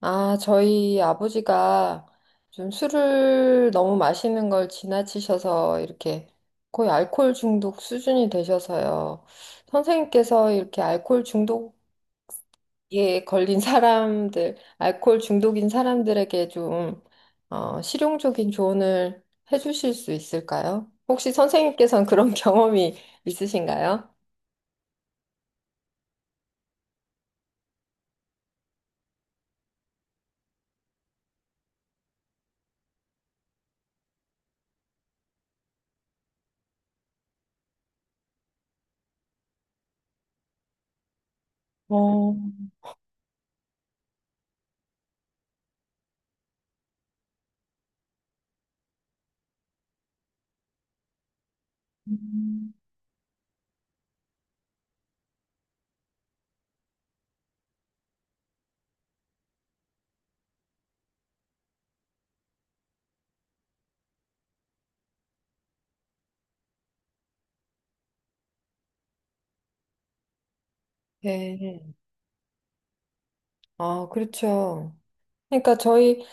아, 저희 아버지가 좀 술을 너무 마시는 걸 지나치셔서 이렇게 거의 알코올 중독 수준이 되셔서요. 선생님께서 이렇게 알코올 중독에 걸린 사람들, 알코올 중독인 사람들에게 좀 실용적인 조언을 해주실 수 있을까요? 혹시 선생님께서는 그런 경험이 있으신가요? 어, 네. 아, 그렇죠. 그러니까 저희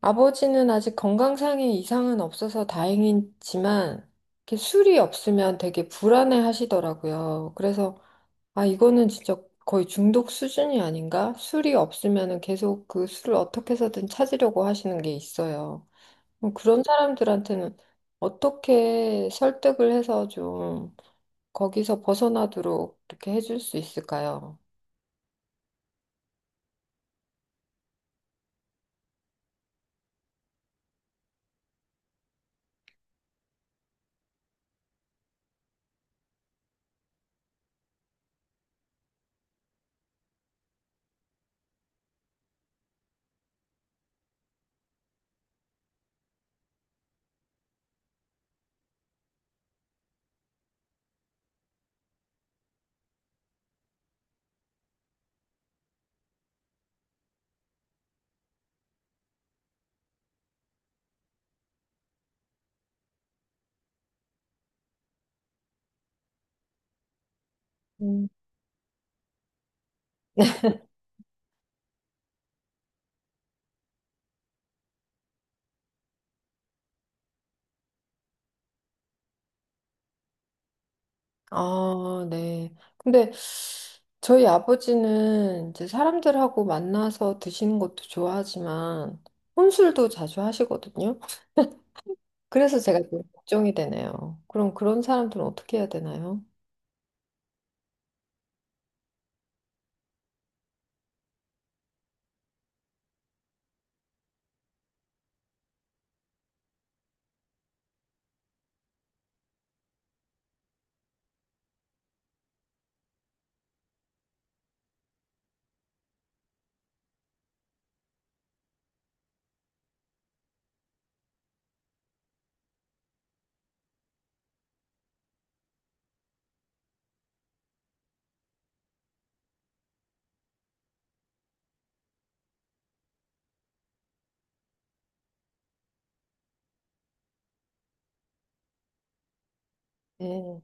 아버지는 아직 건강상의 이상은 없어서 다행이지만, 이렇게 술이 없으면 되게 불안해 하시더라고요. 그래서, 아, 이거는 진짜 거의 중독 수준이 아닌가? 술이 없으면은 계속 그 술을 어떻게 해서든 찾으려고 하시는 게 있어요. 그런 사람들한테는 어떻게 설득을 해서 좀 거기서 벗어나도록 이렇게 해줄 수 있을까요? 아, 네. 근데 저희 아버지는 이제 사람들하고 만나서 드시는 것도 좋아하지만 혼술도 자주 하시거든요. 그래서 제가 좀 걱정이 되네요. 그럼 그런 사람들은 어떻게 해야 되나요? 네.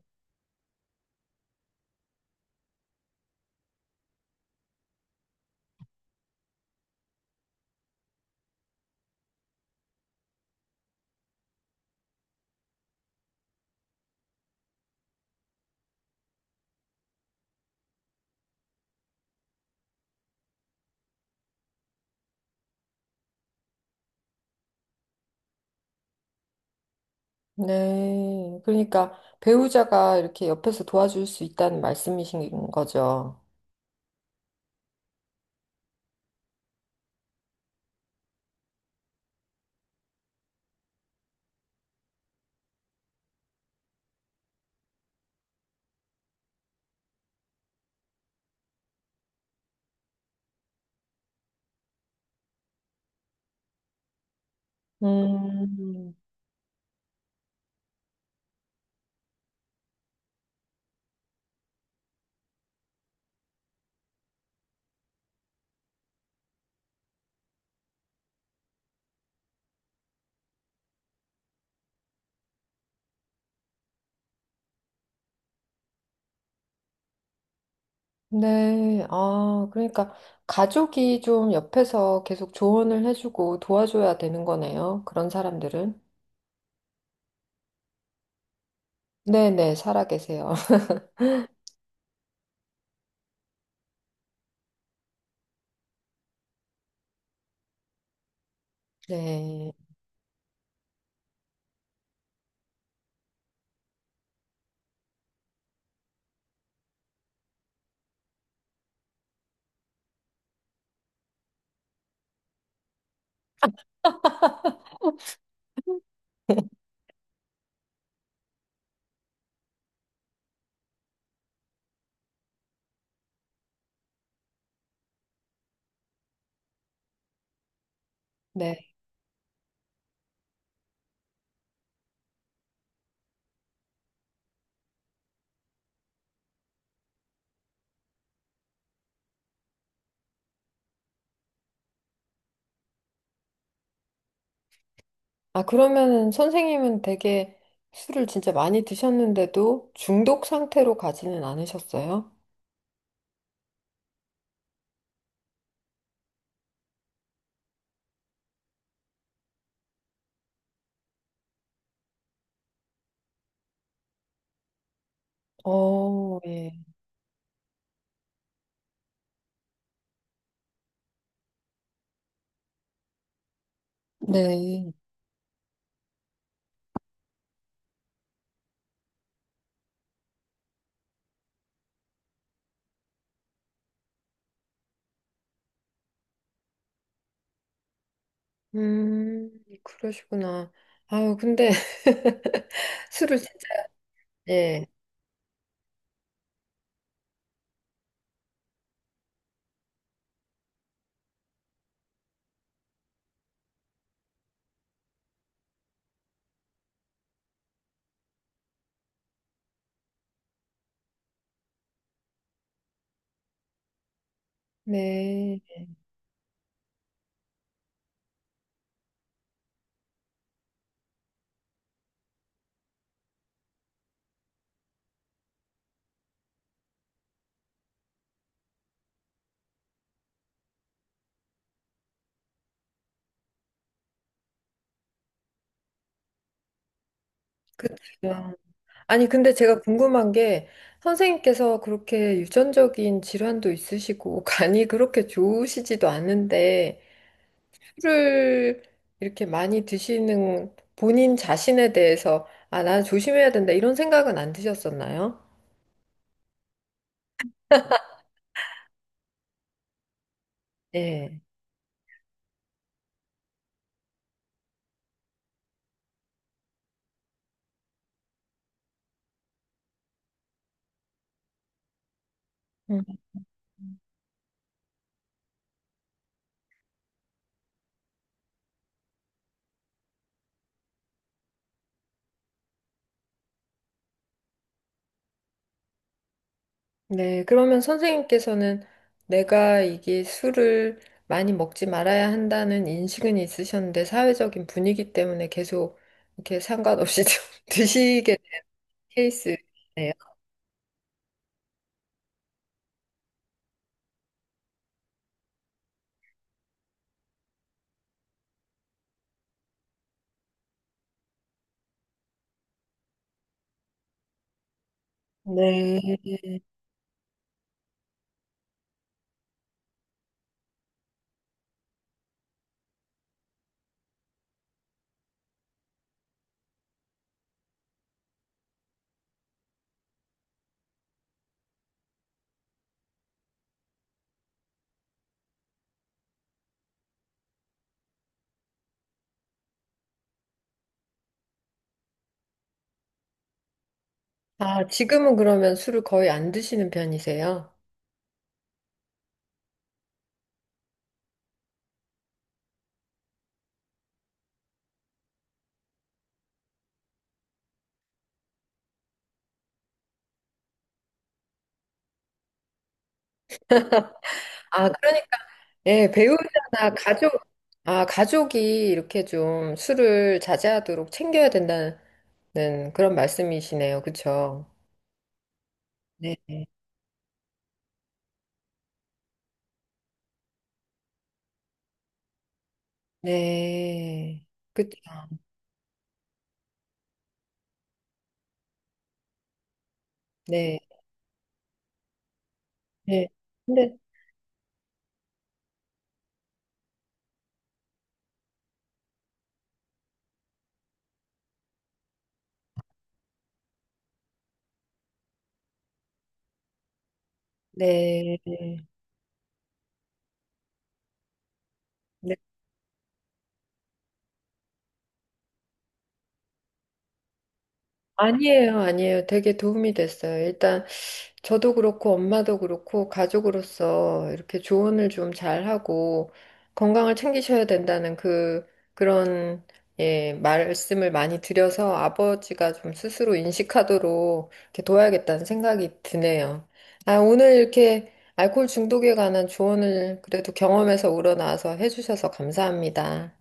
네. 그러니까 배우자가 이렇게 옆에서 도와줄 수 있다는 말씀이신 거죠. 음. 네, 아, 그러니까 가족이 좀 옆에서 계속 조언을 해주고 도와줘야 되는 거네요. 그런 사람들은. 네네, 살아계세요. 네, 네. 아, 그러면은 선생님은 되게 술을 진짜 많이 드셨는데도 중독 상태로 가지는 않으셨어요? 어, 예. 네. 음, 그러시구나. 아유, 근데 술을 진짜, 예. 네. 그렇죠. 아니, 근데 제가 궁금한 게 선생님께서 그렇게 유전적인 질환도 있으시고 간이 그렇게 좋으시지도 않은데 술을 이렇게 많이 드시는 본인 자신에 대해서 아, 나 조심해야 된다 이런 생각은 안 드셨었나요? 네. 음. 네, 그러면 선생님께서는 내가 이게 술을 많이 먹지 말아야 한다는 인식은 있으셨는데 사회적인 분위기 때문에 계속 이렇게 상관없이 좀 드시게 된 케이스네요. 네. 아, 지금은 그러면 술을 거의 안 드시는 편이세요? 아, 그러니까, 예, 배우자나 가족, 아, 가족이 이렇게 좀 술을 자제하도록 챙겨야 된다는 그런 말씀이시네요. 그쵸? 네. 네. 그쵸. 네. 네. 근데, 네. 네. 아니에요, 아니에요. 되게 도움이 됐어요. 일단, 저도 그렇고 엄마도 그렇고 가족으로서 이렇게 조언을 좀 잘하고 건강을 챙기셔야 된다는 그 그런 예, 말씀을 많이 드려서 아버지가 좀 스스로 인식하도록 이렇게 도와야겠다는 생각이 드네요. 아, 오늘 이렇게 알코올 중독에 관한 조언을 그래도 경험에서 우러나와서 해주셔서 감사합니다.